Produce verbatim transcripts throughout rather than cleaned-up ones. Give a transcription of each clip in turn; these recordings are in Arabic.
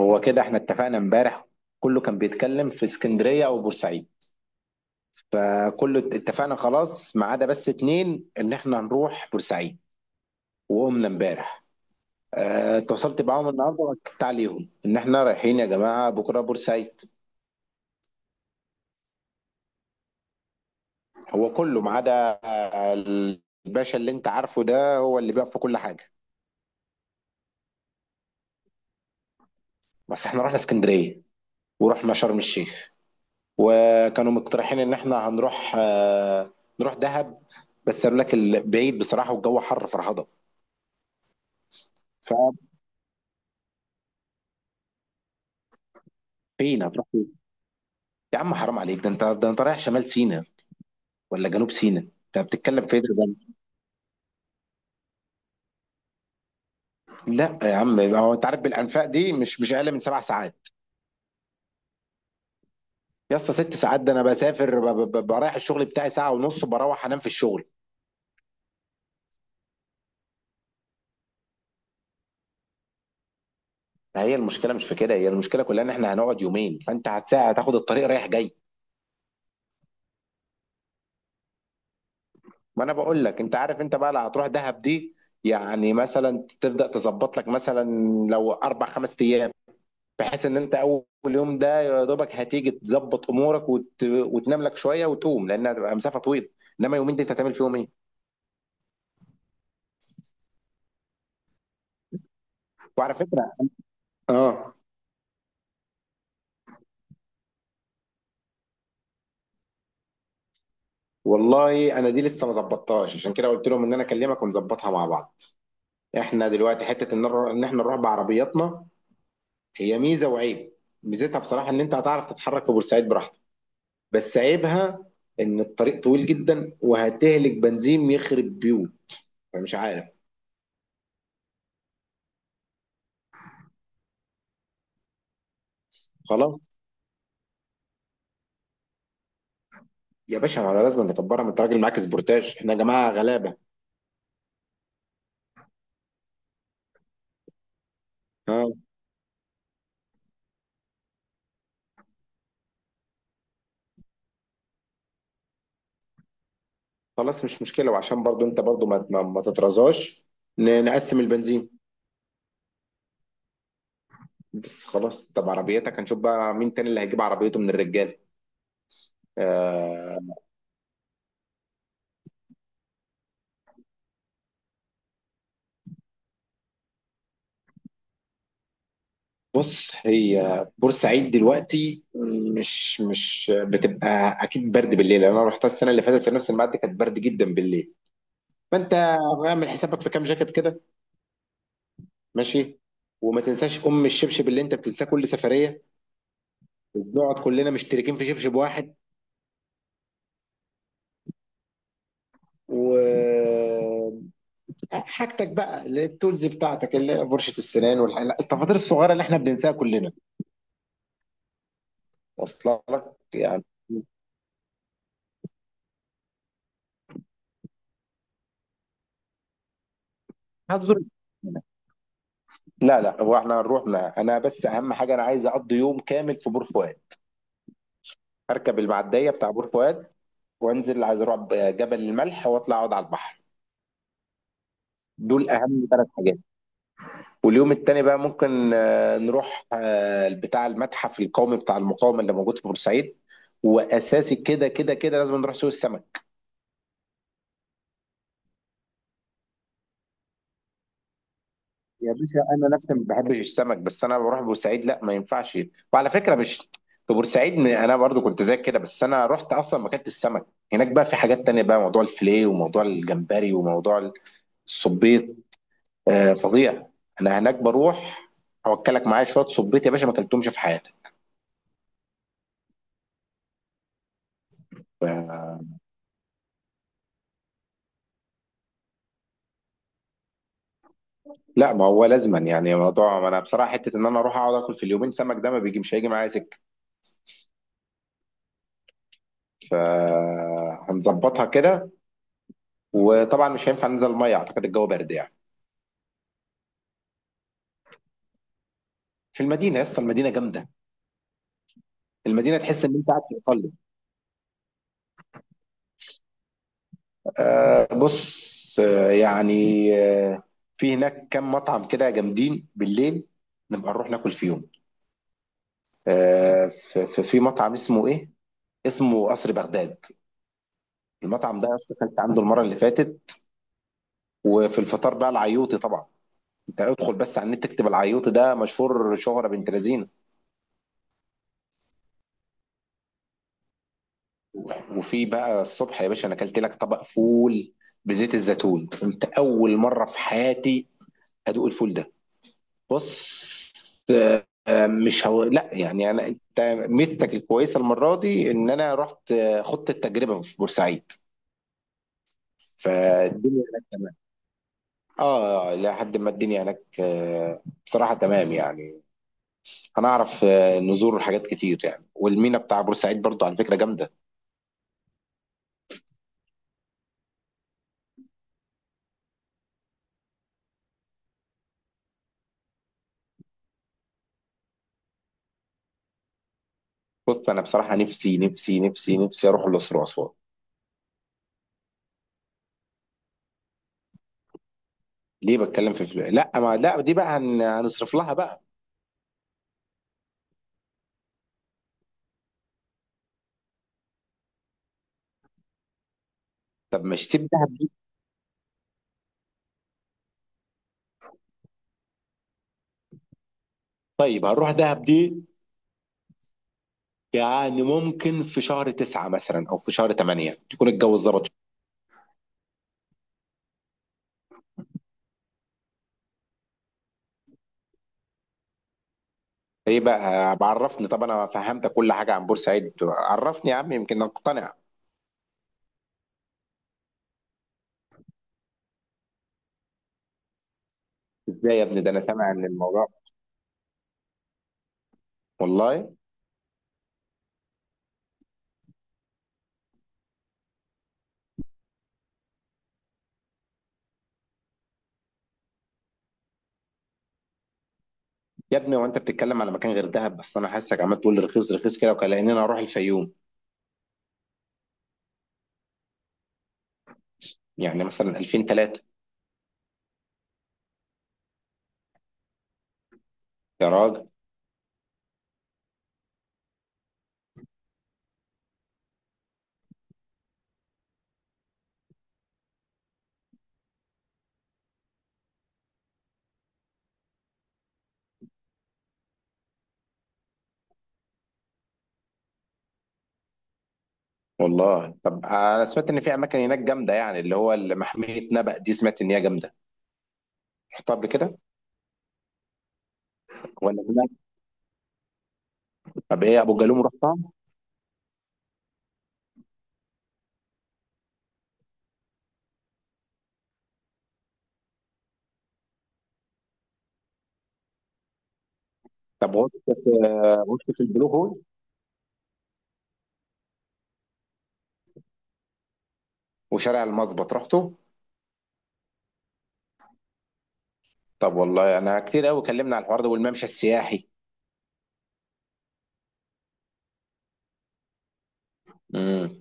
هو كده احنا اتفقنا امبارح. كله كان بيتكلم في اسكندرية او بورسعيد. فكله ات- اتفقنا خلاص ما عدا بس اتنين ان احنا هنروح بورسعيد. وقمنا امبارح. اه، اتواصلت معاهم النهارده واكدت عليهم ان احنا رايحين يا جماعة بكرة بورسعيد. هو كله ما عدا اه، الباشا اللي انت عارفه ده هو اللي بيقف في كل حاجة. بس احنا رحنا اسكندرية ورحنا شرم الشيخ. وكانوا مقترحين ان احنا هنروح اه، نروح دهب. بس قالوا لك ال- بعيد بصراحة والجو حر فرهضة. ففين؟ هتروح فين؟ يا عم حرام عليك، ده انت ده انت رايح شمال سيناء يا اسطى، ولا جنوب سيناء؟ انت بتتكلم في ايه ده؟ لا يا عم، هو انت عارف بالانفاق دي مش مش اقل من سبع ساعات. يا اسطى ست ساعات، ده انا بسافر ب- ب- برايح الشغل بتاعي ساعه ونص بروح انام في الشغل. فهي المشكله مش في كده، هي المشكله كلها ان احنا هنقعد يومين، فانت هتساعد هتاخد الطريق رايح جاي. ما انا بقول لك، انت عارف، انت بقى لا هتروح دهب دي. يعني مثلا تبدا تظبط لك مثلا لو اربع خمس ايام، بحيث ان انت اول يوم ده يا دوبك هتيجي تظبط امورك وت... وتنام لك شويه وتقوم لانها هتبقى مسافه طويله. انما يومين دي انت هتعمل فيهم ايه؟ وعلى فكره. اه. والله انا دي لسه ما ظبطتهاش، عشان كده قلت لهم ان انا اكلمك ونظبطها مع بعض. احنا دلوقتي حته ان نر- ان احنا نروح بعربياتنا. هي ميزه وعيب. ميزتها بصراحه ان انت هتعرف تتحرك في بورسعيد براحتك. بس عيبها ان الطريق طويل جدا وهتهلك بنزين يخرب بيوت. فمش عارف. خلاص. يا باشا ما لازم نكبرها، ما انت راجل معاك سبورتاج، احنا يا جماعه غلابه. ها. خلاص مش مشكله، وعشان برضو انت برضو ما ما, ما تترزاش، ن- نقسم البنزين. بس خلاص، طب عربيتك، هنشوف بقى مين تاني اللي هيجيب عربيته من الرجال. آه. بص، هي بورسعيد دلوقتي مش مش بتبقى اكيد برد بالليل. انا رحتها السنه اللي فاتت في نفس الميعاد دي كانت برد جدا بالليل. فانت اعمل حسابك في كام جاكيت كده. ماشي. وما تنساش ام الشبشب اللي انت بتنساه كل سفريه، وبنقعد كلنا مشتركين في شبشب واحد. و حاجتك بقى اللي هي التولز بتاعتك، اللي هي فرشة السنان والحاجات التفاصيل الصغيرة اللي احنا بننساها كلنا، واصله لك. يعني هتزور. لا لا، هو احنا هنروح لا. انا بس اهم حاجة انا عايز اقضي يوم كامل في بور فؤاد. هركب المعدية بتاع بور فؤاد وانزل عايز اروح جبل الملح واطلع اقعد على البحر. دول اهم ثلاث حاجات. واليوم التاني بقى ممكن آه، نروح آه، بتاع المتحف القومي بتاع المقاومة اللي موجود في بورسعيد. وأساسي كده كده كده لازم نروح سوق السمك. يا باشا أنا نفسي ما بحبش السمك، بس أنا بروح بورسعيد لا ما ينفعش. وعلى فكرة مش في بورسعيد م- أنا برضو كنت زيك كده، بس أنا رحت أصلا ما كانت السمك. هناك بقى في حاجات تانية بقى، موضوع الفيليه وموضوع الجمبري وموضوع الصبيط. آه، فظيع. أنا هناك بروح أوكلك معايا شوية صبيط يا باشا، ما أكلتهمش في حياتي. لا، ما هو لازما يعني موضوع، ما انا بصراحه حته ان انا اروح اقعد اكل في اليومين سمك ده ما بيجي، مش هيجي معايا سكه. فهنظبطها كده. وطبعا مش هينفع ننزل الميه، اعتقد الجو برد يعني. في المدينه يا اسطى، المدينه جامده. المدينه تحس ان انت قاعد في ايطاليا. آه بص آه يعني آه في هناك كام مطعم كده جامدين بالليل، نبقى نروح ناكل فيهم. آه في, في في مطعم اسمه ايه، اسمه قصر بغداد. المطعم ده يا اسطى كنت عنده المره اللي فاتت. وفي الفطار بقى العيوطي طبعا. انت ادخل بس على النت تكتب العيوط، ده مشهور شهرة بنت لذينه. وفي بقى الصبح يا باشا انا اكلت لك طبق فول بزيت الزيتون انت اول مره في حياتي ادوق الفول ده. بص. آه، آه، مش هو لا، يعني انا انت ميزتك الكويسه المره دي ان انا رحت آه، خضت التجربه في بورسعيد. فالدنيا هناك تمام. اه لحد ما الدنيا هناك آه، بصراحه تمام يعني. هنعرف آه، نزور حاجات كتير يعني. والمينا بتاع بورسعيد برضو على فكره جامده. بص انا بصراحه نفسي نفسي نفسي نفسي اروح الاقصر واسوان. ليه بتكلم في فلوس؟ لا، ما لا، دي بقى هن- هنصرف لها بقى. طب مش سيب دهب دي. طيب هنروح دهب دي، يعني ممكن في شهر تسعة مثلا او في شهر تمانية تكون الجو ظبط. ايه بقى؟ بعرفني، طب انا فهمتك كل حاجه عن بورسعيد، عرفني يا عم يمكن اقتنع. ازاي يا ابني، ده انا سامع ان الموضوع. والله يا ابني، وانت بتتكلم على مكان غير دهب، بس انا حاسسك عمال تقول لي رخيص رخيص كده وكأننا اروح الفيوم. يعني مثلا ألفين تلاتة. والله طب انا سمعت ان في اماكن هناك جامده، يعني اللي هو اللي محميه نبأ دي، سمعت ان هي جامده. رحتها قبل كده ولا هناك؟ طب ايه ابو جالوم، رحتها؟ طب غرفه، آه، غرفه البلو هول، وشارع المظبط رحته؟ طب والله انا كتير قوي كلمنا على الحوار ده والممشى السياحي. امم.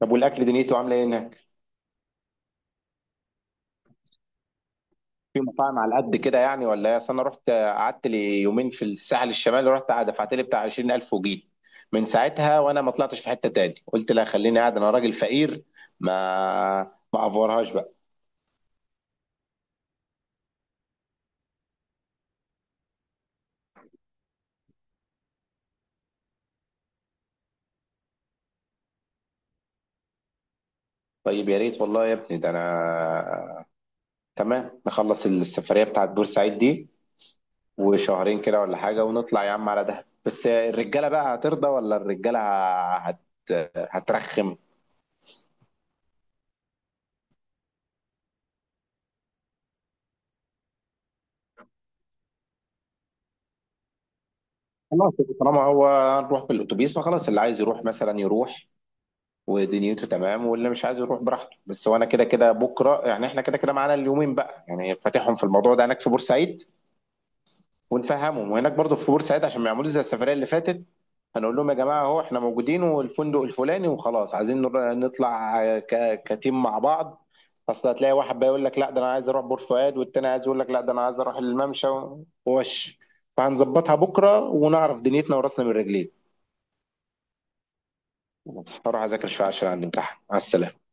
طب والاكل دنيته عامله ايه هناك؟ في مطاعم على قد كده يعني ولا ايه؟ أصل انا رحت قعدت لي يومين في الساحل الشمالي، رحت دفعت لي بتاع عشرين ألف وجيت. من ساعتها وانا ما طلعتش في حته تاني، قلت لا خليني قاعد انا راجل فقير ما ما افورهاش بقى. طيب يا ريت والله يا ابني، ده انا تمام. نخلص السفريه بتاعت بورسعيد دي وشهرين كده ولا حاجه ونطلع يا عم على دهب، بس الرجاله بقى هترضى ولا الرجاله هت... هترخم. خلاص. طالما هو هنروح بالاتوبيس، فخلاص اللي عايز يروح مثلا يروح ودنيته تمام، واللي مش عايز يروح براحته. بس وانا كده كده بكره، يعني احنا كده كده معانا اليومين بقى، يعني فاتحهم في الموضوع ده هناك في بورسعيد ونفهمهم، وهناك برضو في بورسعيد عشان ما يعملوش زي السفريه اللي فاتت. هنقول لهم يا جماعه اهو احنا موجودين والفندق الفلاني وخلاص عايزين نر- نطلع ك- كتيم مع بعض. اصل هتلاقي واحد بقى يقول لك لا ده انا عايز اروح بور فؤاد، والتاني عايز يقول لك لا ده انا عايز اروح الممشى و- ووش. فهنظبطها بكره ونعرف دنيتنا وراسنا من رجلين. هروح اذاكر شويه عشان عندي امتحان. مع السلامه.